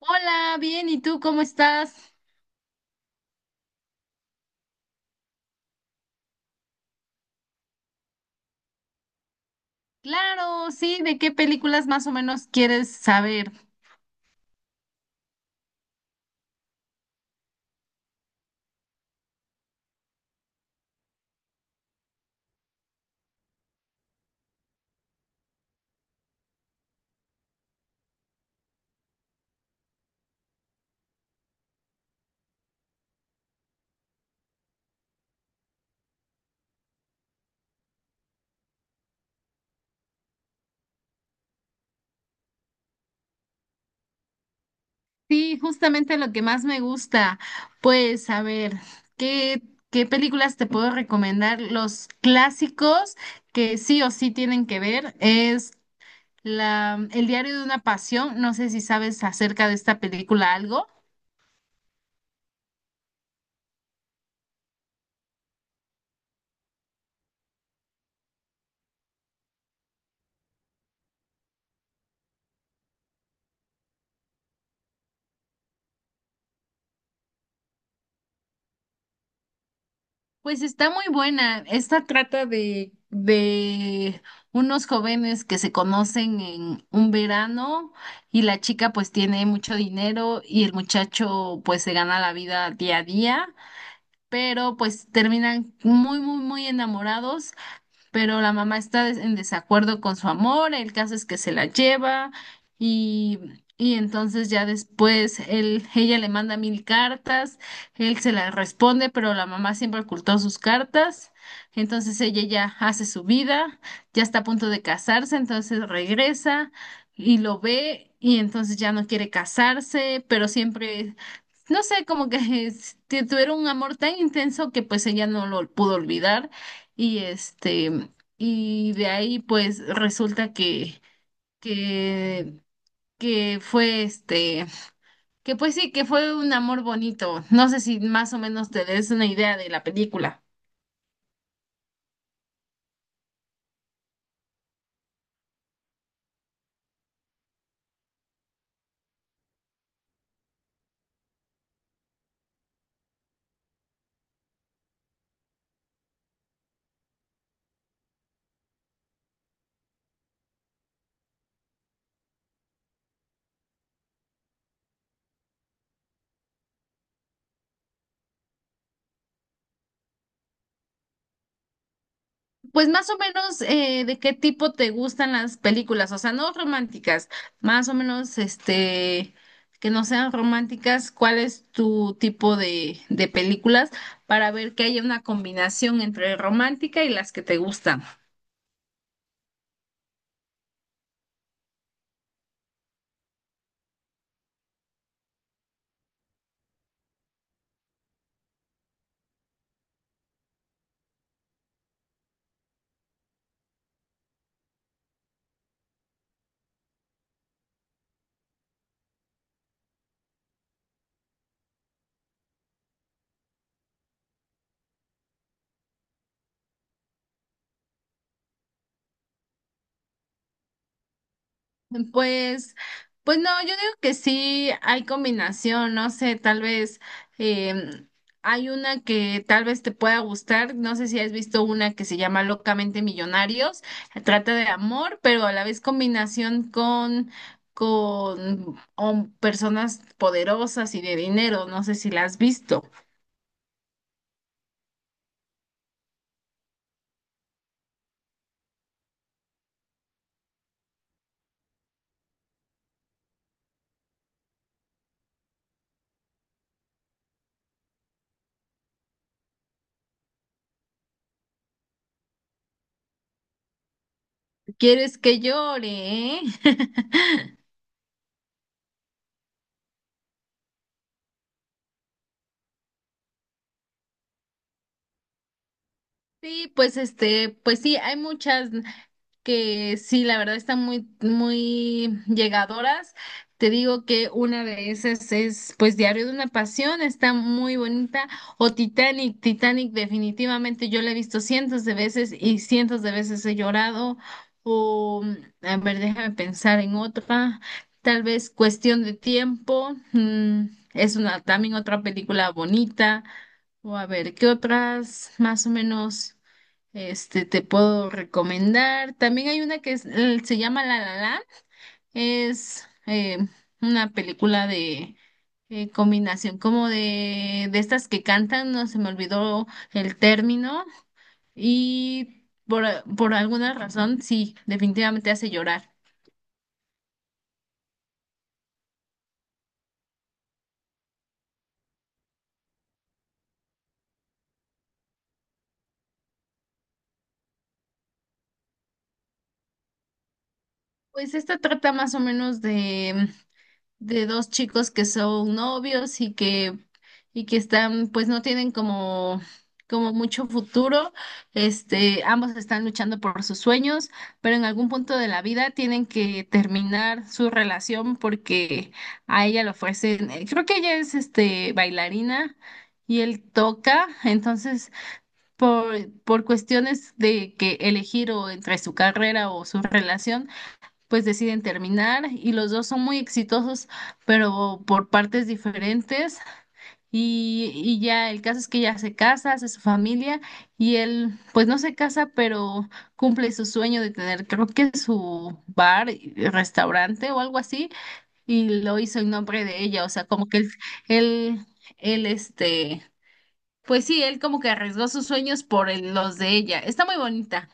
Hola, bien, ¿y tú cómo estás? Claro, sí, ¿de qué películas más o menos quieres saber? Sí, justamente lo que más me gusta. Pues, a ver, ¿qué, ¿qué películas te puedo recomendar? Los clásicos que sí o sí tienen que ver es El diario de una pasión. No sé si sabes acerca de esta película algo. Pues está muy buena. Esta trata de unos jóvenes que se conocen en un verano, y la chica pues tiene mucho dinero y el muchacho pues se gana la vida día a día, pero pues terminan muy, muy, muy enamorados, pero la mamá está en desacuerdo con su amor. El caso es que se la lleva, y, y entonces ya después ella le manda mil cartas, él se las responde, pero la mamá siempre ocultó sus cartas. Entonces ella ya hace su vida, ya está a punto de casarse, entonces regresa y lo ve y entonces ya no quiere casarse, pero siempre... No sé, como que es- tuvieron un amor tan intenso que pues ella no lo pudo olvidar. y este, y de ahí pues resulta que, que fue este, que pues sí, que fue un amor bonito. No sé si más o menos te des una idea de la película. Pues más o menos de qué tipo te gustan las películas, o sea, no románticas, más o menos que no sean románticas. ¿Cuál es tu tipo de películas para ver que haya una combinación entre romántica y las que te gustan? Pues, pues no, yo digo que sí hay combinación. No sé, tal vez em, hay una que tal vez te pueda gustar. No sé si has visto una que se llama Locamente Millonarios. Trata de amor, pero a la vez combinación con personas poderosas y de dinero. No sé si la has visto. ¿Quieres que llore? ¿Eh? Sí, pues este, pues sí, hay muchas que sí, la verdad, están muy, muy llegadoras. Te digo que una de esas es, pues, Diario de una Pasión. Está muy bonita. O Titanic. Titanic, definitivamente, yo la he visto cientos de veces y cientos de veces he llorado. O, a ver, déjame pensar en otra. Tal vez Cuestión de Tiempo, mm, es una, también otra película bonita. O a ver, ¿qué otras más o menos te puedo recomendar? También hay una que se llama La La Land. Es una película de combinación como de estas que cantan. No se me olvidó el término. Y por, por alguna razón, sí, definitivamente hace llorar. Pues esta trata más o menos de dos chicos que son novios y que están pues no tienen como mucho futuro. Este, ambos están luchando por sus sueños, pero en algún punto de la vida tienen que terminar su relación porque a ella lo ofrecen, creo que ella es este bailarina y él toca. Entonces por cuestiones de que elegir o entre su carrera o su relación, pues deciden terminar y los dos son muy exitosos, pero por partes diferentes. Y ya el caso es que ella se casa, hace su familia, y él pues no se casa, pero cumple su sueño de tener creo que su bar, y restaurante o algo así, y lo hizo en nombre de ella. O sea, como que él, él este, pues sí, él como que arriesgó sus sueños por los de ella. Está muy bonita.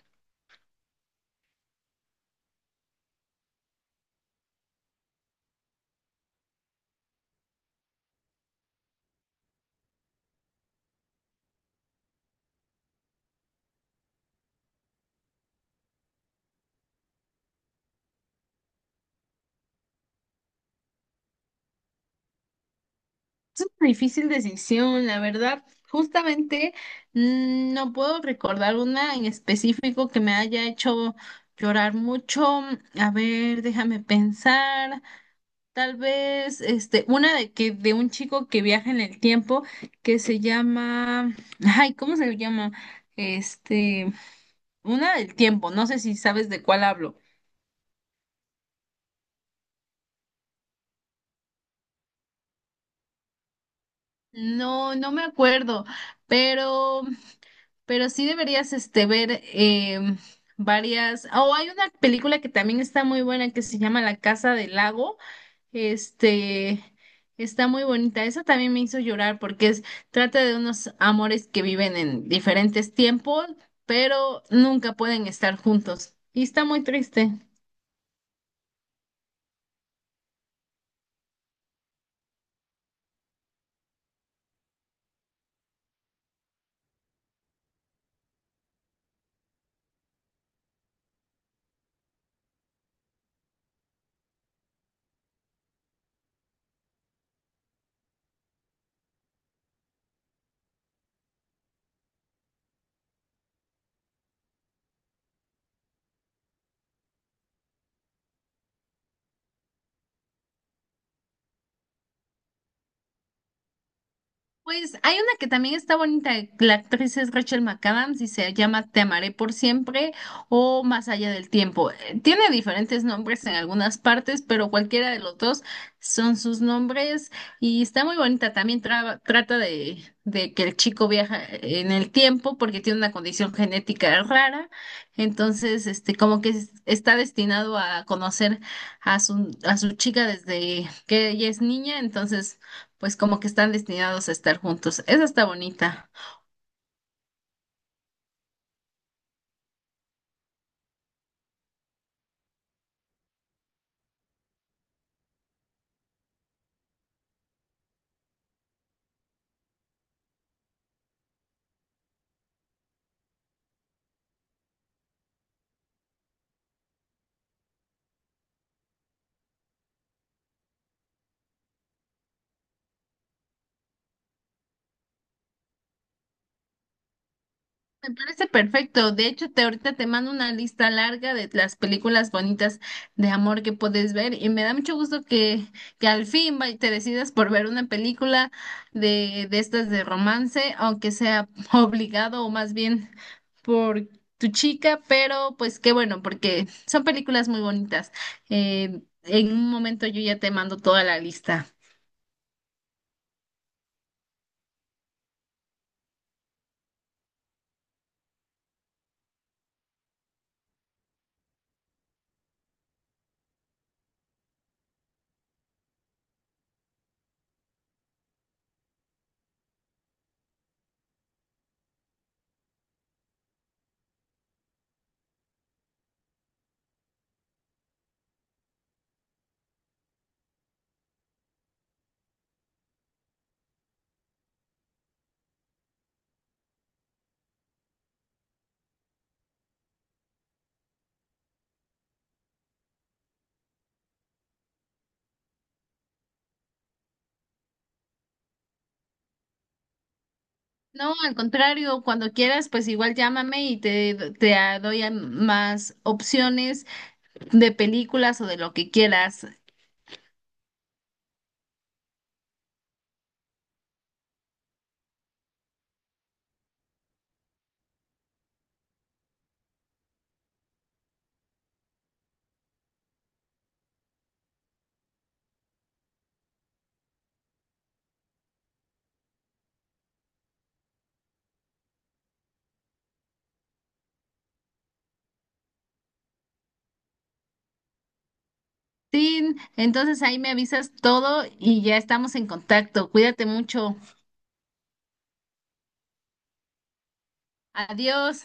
Es una difícil decisión, la verdad. Justamente mm, no puedo recordar una en específico que me haya hecho llorar mucho. A ver, déjame pensar. Tal vez, este, una de que de un chico que viaja en el tiempo, que se llama, ay, ¿cómo se llama? Este, una del tiempo. No sé si sabes de cuál hablo. No, no me acuerdo, pero Pero sí deberías este, ver varias. O hay una película que también está muy buena que se llama La Casa del Lago. Este, está muy bonita. Esa también me hizo llorar porque es, trata de unos amores que viven en diferentes tiempos, pero nunca pueden estar juntos. Y está muy triste. Pues hay una que también está bonita. La actriz es Rachel McAdams y se llama Te amaré por siempre o Más allá del tiempo. Tiene diferentes nombres en algunas partes, pero cualquiera de los dos son sus nombres, y está muy bonita. También trata de que el chico viaja en el tiempo porque tiene una condición genética rara. Entonces este como que está destinado a conocer a a su chica desde que ella es niña. Entonces pues como que están destinados a estar juntos. Esa está bonita. Me parece perfecto. De hecho, te ahorita te mando una lista larga de las películas bonitas de amor que puedes ver, y me da mucho gusto que al fin te decidas por ver una película de estas de romance, aunque sea obligado o más bien por tu chica, pero pues qué bueno, porque son películas muy bonitas. En un momento yo ya te mando toda la lista. No, al contrario, cuando quieras, pues igual llámame y te doy más opciones de películas o de lo que quieras. Sí, entonces ahí me avisas todo y ya estamos en contacto. Cuídate mucho. Adiós.